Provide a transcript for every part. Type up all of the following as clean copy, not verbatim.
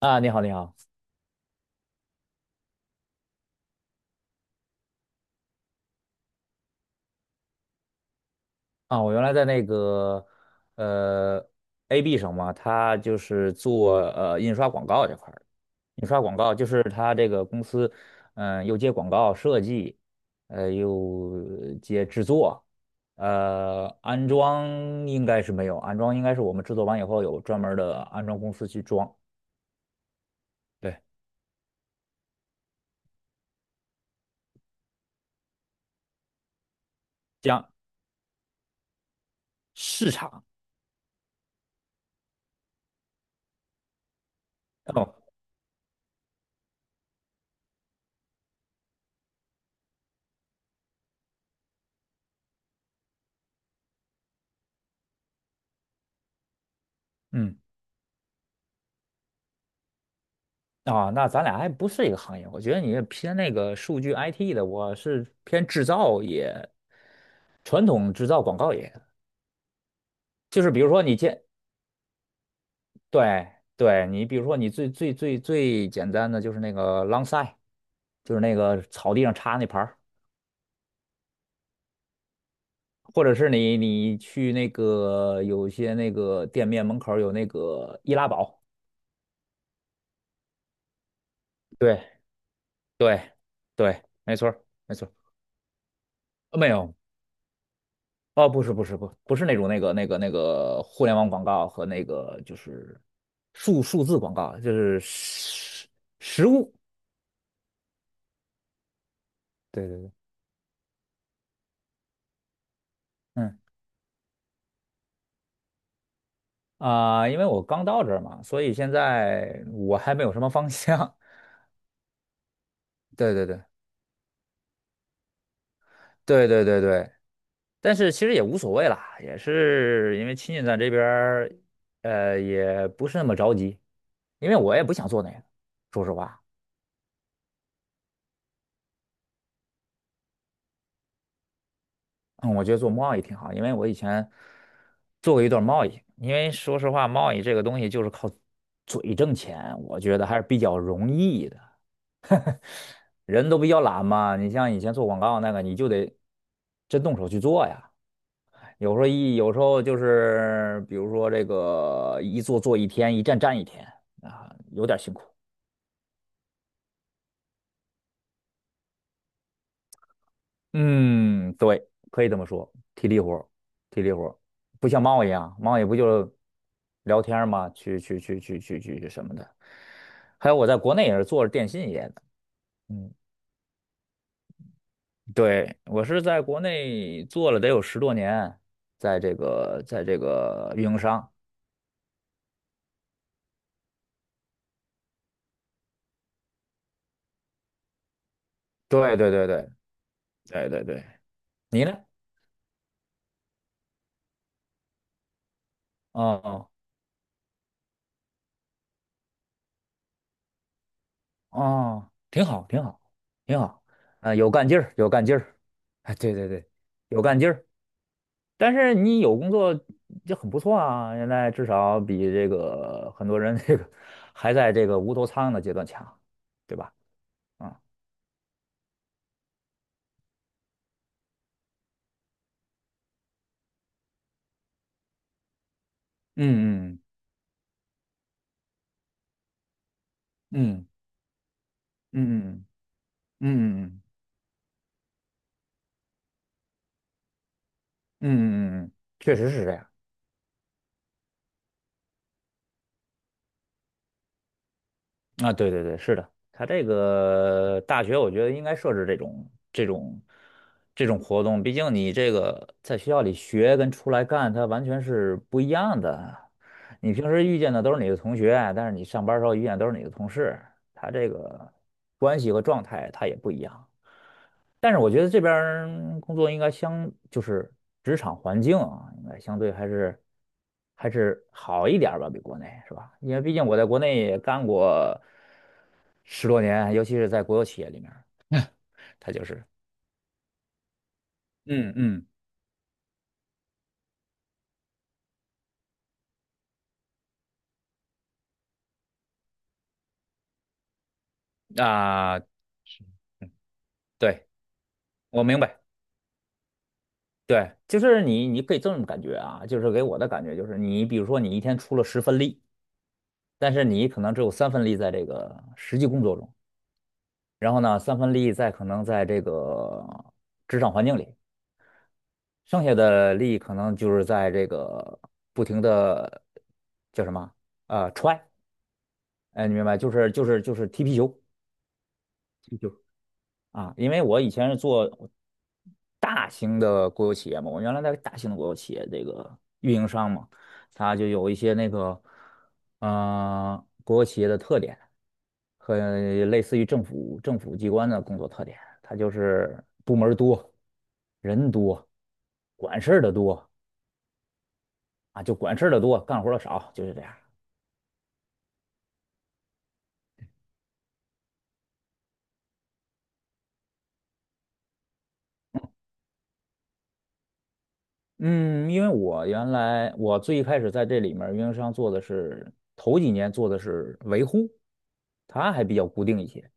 啊，你好，你好啊！我原来在那个呃 AB 上嘛，他就是做印刷广告这块儿的，印刷广告就是他这个公司，嗯、又接广告设计，又接制作，安装应该是没有，安装应该是我们制作完以后有专门儿的安装公司去装，对，将市场哦，嗯。啊，那咱俩还不是一个行业，我觉得你是偏那个数据 IT 的，我是偏制造业，传统制造广告业，就是比如说你见，对对，你比如说你最简单的就是那个 lawn sign，就是那个草地上插那牌儿，或者是你去那个有些那个店面门口儿有那个易拉宝，对对对，没错儿没错儿没有哦，不是那种那个互联网广告和那个就是数字广告，就是实物。对对对，嗯啊、因为我刚到这儿嘛，所以现在我还没有什么方向。对对对对对对对，但是其实也无所谓啦，也是因为亲戚在这边儿也不是那么着急，因为我也不想做那个，说实话。嗯，我觉得做贸易挺好，因为我以前做过一段贸易。因为说实话，贸易这个东西就是靠嘴挣钱，我觉得还是比较容易的。人都比较懒嘛，你像以前做广告那个，你就得真动手去做呀。有时候有时候就是，比如说这个一做做一天，一站站一天啊，有点辛苦。嗯，对，可以这么说，体力活儿体力活儿不像猫一样，猫也不就聊天儿嘛，去去去去去去去什么的。还有我在国内也是做着电信业的，嗯，对，我是在国内做了得有十多年，在这个在这个运营商，对对对对对对对，你呢？哦哦，挺好挺好挺好，啊、有干劲儿有干劲儿，哎，对对对，有干劲儿。但是你有工作就很不错啊，现在至少比这个很多人这个还在这个无头苍蝇的阶段强，对吧？啊，嗯嗯嗯嗯嗯嗯嗯嗯嗯嗯嗯，嗯确实是这样。啊，对对对，是的，他这个大学我觉得应该设置这种活动，毕竟你这个在学校里学跟出来干，它完全是不一样的。你平时遇见的都是你的同学，但是你上班儿时候遇见都是你的同事，他这个关系和状态他也不一样。但是我觉得这边儿工作应该相，就是职场环境啊，应该相对还是好一点儿吧，比国内是吧？因为毕竟我在国内也干过十多年，尤其是在国有企业里面他就是嗯嗯啊，对，我明白，对，就是你可以这么感觉啊，就是给我的感觉就是你比如说你一天出了十分力，但是你可能只有三分力在这个实际工作中，然后呢三分力在可能在这个职场环境里。剩下的力可能就是在这个不停的叫什么踹，哎，你明白？就是踢皮球，踢皮球啊！因为我以前是做大型的国有企业嘛，我原来在大型的国有企业这个运营商嘛，它就有一些那个国有企业的特点和类似于政府机关的工作特点，它就是部门儿多，人多，管事儿的多。啊，就管事儿的多，干活儿的少，就是这样。嗯，因为我原来我最一开始在这里面儿运营商做的是头几年做的是维护，它还比较固定一些。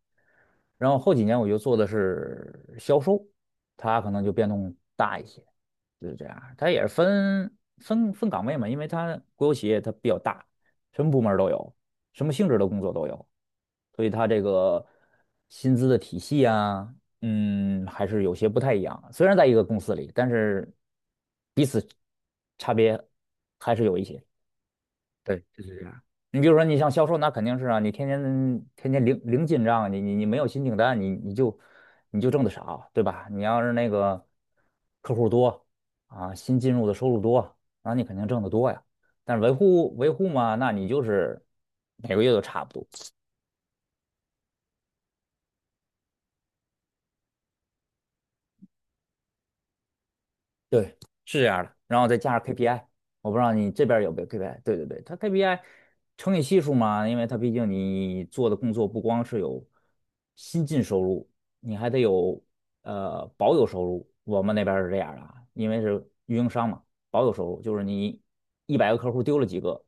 然后后几年我就做的是销售，它可能就变动大一些，就是这样。它也是分岗位嘛，因为它国有企业它比较大，什么部门儿都有，什么性质的工作都有，所以它这个薪资的体系啊，嗯，还是有些不太一样。虽然在一个公司里，但是彼此差别还是有一些。对，就是这样。你比如说，你像销售，那肯定是啊，你天天零零进账，你没有新订单，你就挣的少，对吧？你要是那个客户多啊，新进入的收入多，那你肯定挣得多呀。但是维护嘛，那你就是每个月都差不多。对，是这样的。然后再加上 KPI，我不知道你这边有没有 KPI。对对对，它 KPI 乘以系数嘛，因为它毕竟你做的工作不光是有新进收入，你还得有保有收入。我们那边是这样的啊，因为是运营商嘛，保有收入就是你100个客户丢了几个，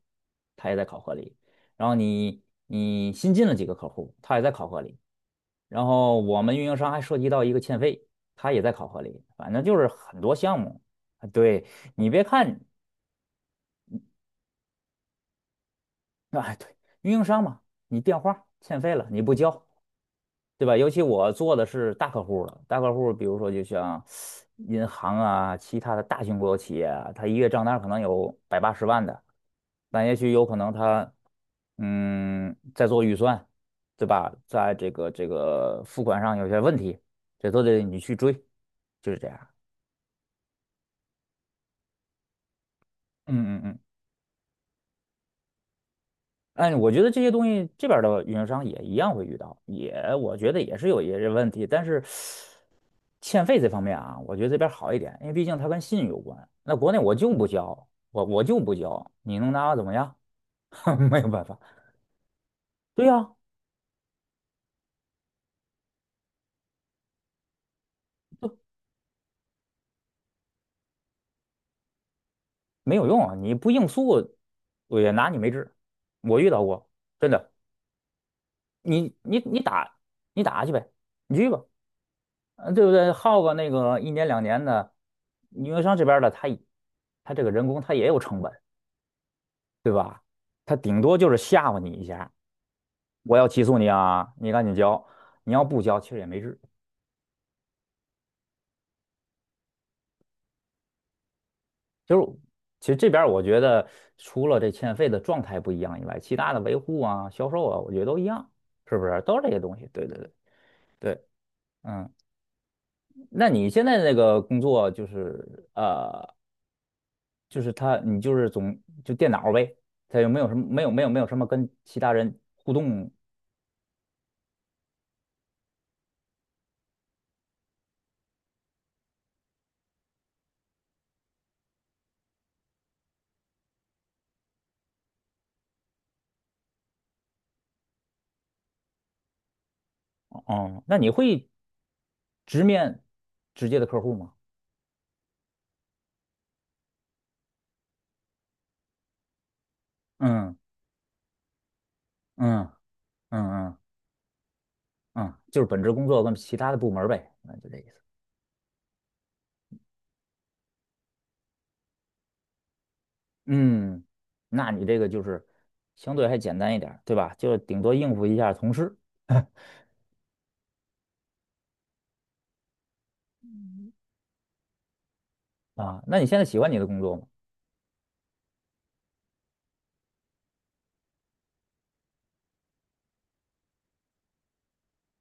它也在考核里；然后你新进了几个客户，它也在考核里。然后我们运营商还涉及到一个欠费，它也在考核里，反正就是很多项目。啊，对，你别看，啊，对，运营商嘛，你电话欠费了，你不交，对吧？尤其我做的是大客户了，大客户，比如说就像银行啊，其他的大型国有企业啊，它一月账单可能有百八十万的，但也许有可能他嗯，在做预算，对吧？在这个这个付款上有些问题，这都得你去追，就是这样。嗯嗯嗯，哎，我觉得这些东西这边儿的运营商也一样会遇到，也我觉得也是有一些问题，但是欠费这方面啊，我觉得这边儿好一点，因为毕竟它跟信用有关。那国内我就不交，我就不交，你能拿我怎么样？没有办法，对呀、没有用啊，你不应诉，我也拿你没治。我遇到过，真的，你你你打你打去呗，你去吧，嗯，对不对？耗个那个一年两年的，运营商这边儿的他也他这个人工他也有成本，他顶多就是吓唬你一下，我要起诉你啊，你赶紧交，你要不交其实也没事。就是其实这边儿我觉得除了这欠费的状态不一样以外，其他的维护啊、销售啊，我觉得都一样，是不是？都是这些东西。对对对对，嗯。那你现在那个工作就是就是他，你就是总就电脑呗，他有没有什么没有没有没有什么跟其他人互动？哦，那你会直面直接的客户吗？嗯嗯嗯嗯嗯，就是本职工作跟其他的部门儿呗，那就这意思。嗯，那你这个就是相对还简单一点儿对吧？就顶多应付一下同事啊。那你现在喜欢你的工作吗？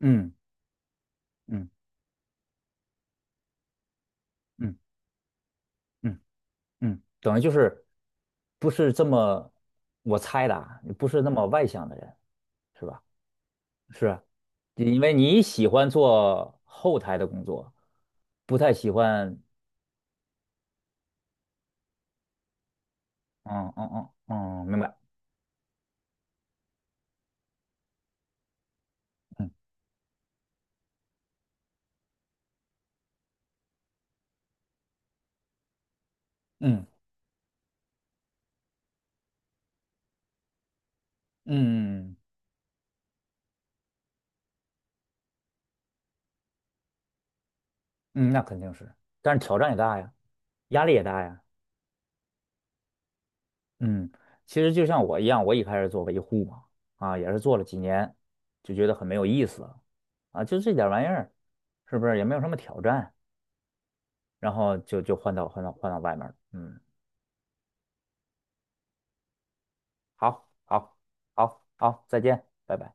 嗯嗯嗯嗯嗯，嗯等于就是不是这么我猜的啊，你不是那么外向的人。是吧？是啊，因为你喜欢做后台的工作，不太喜欢，嗯嗯嗯嗯，明白，嗯嗯嗯嗯，那肯定是，但是挑战也大呀，压力也大呀，嗯，其实就像我一样，我一开始做维护嘛，啊，也是做了几年，就觉得很没有意思了，啊，就这点玩意儿，是不是也没有什么挑战，然后就换到外面了，嗯，好，好，好，好，再见，拜拜。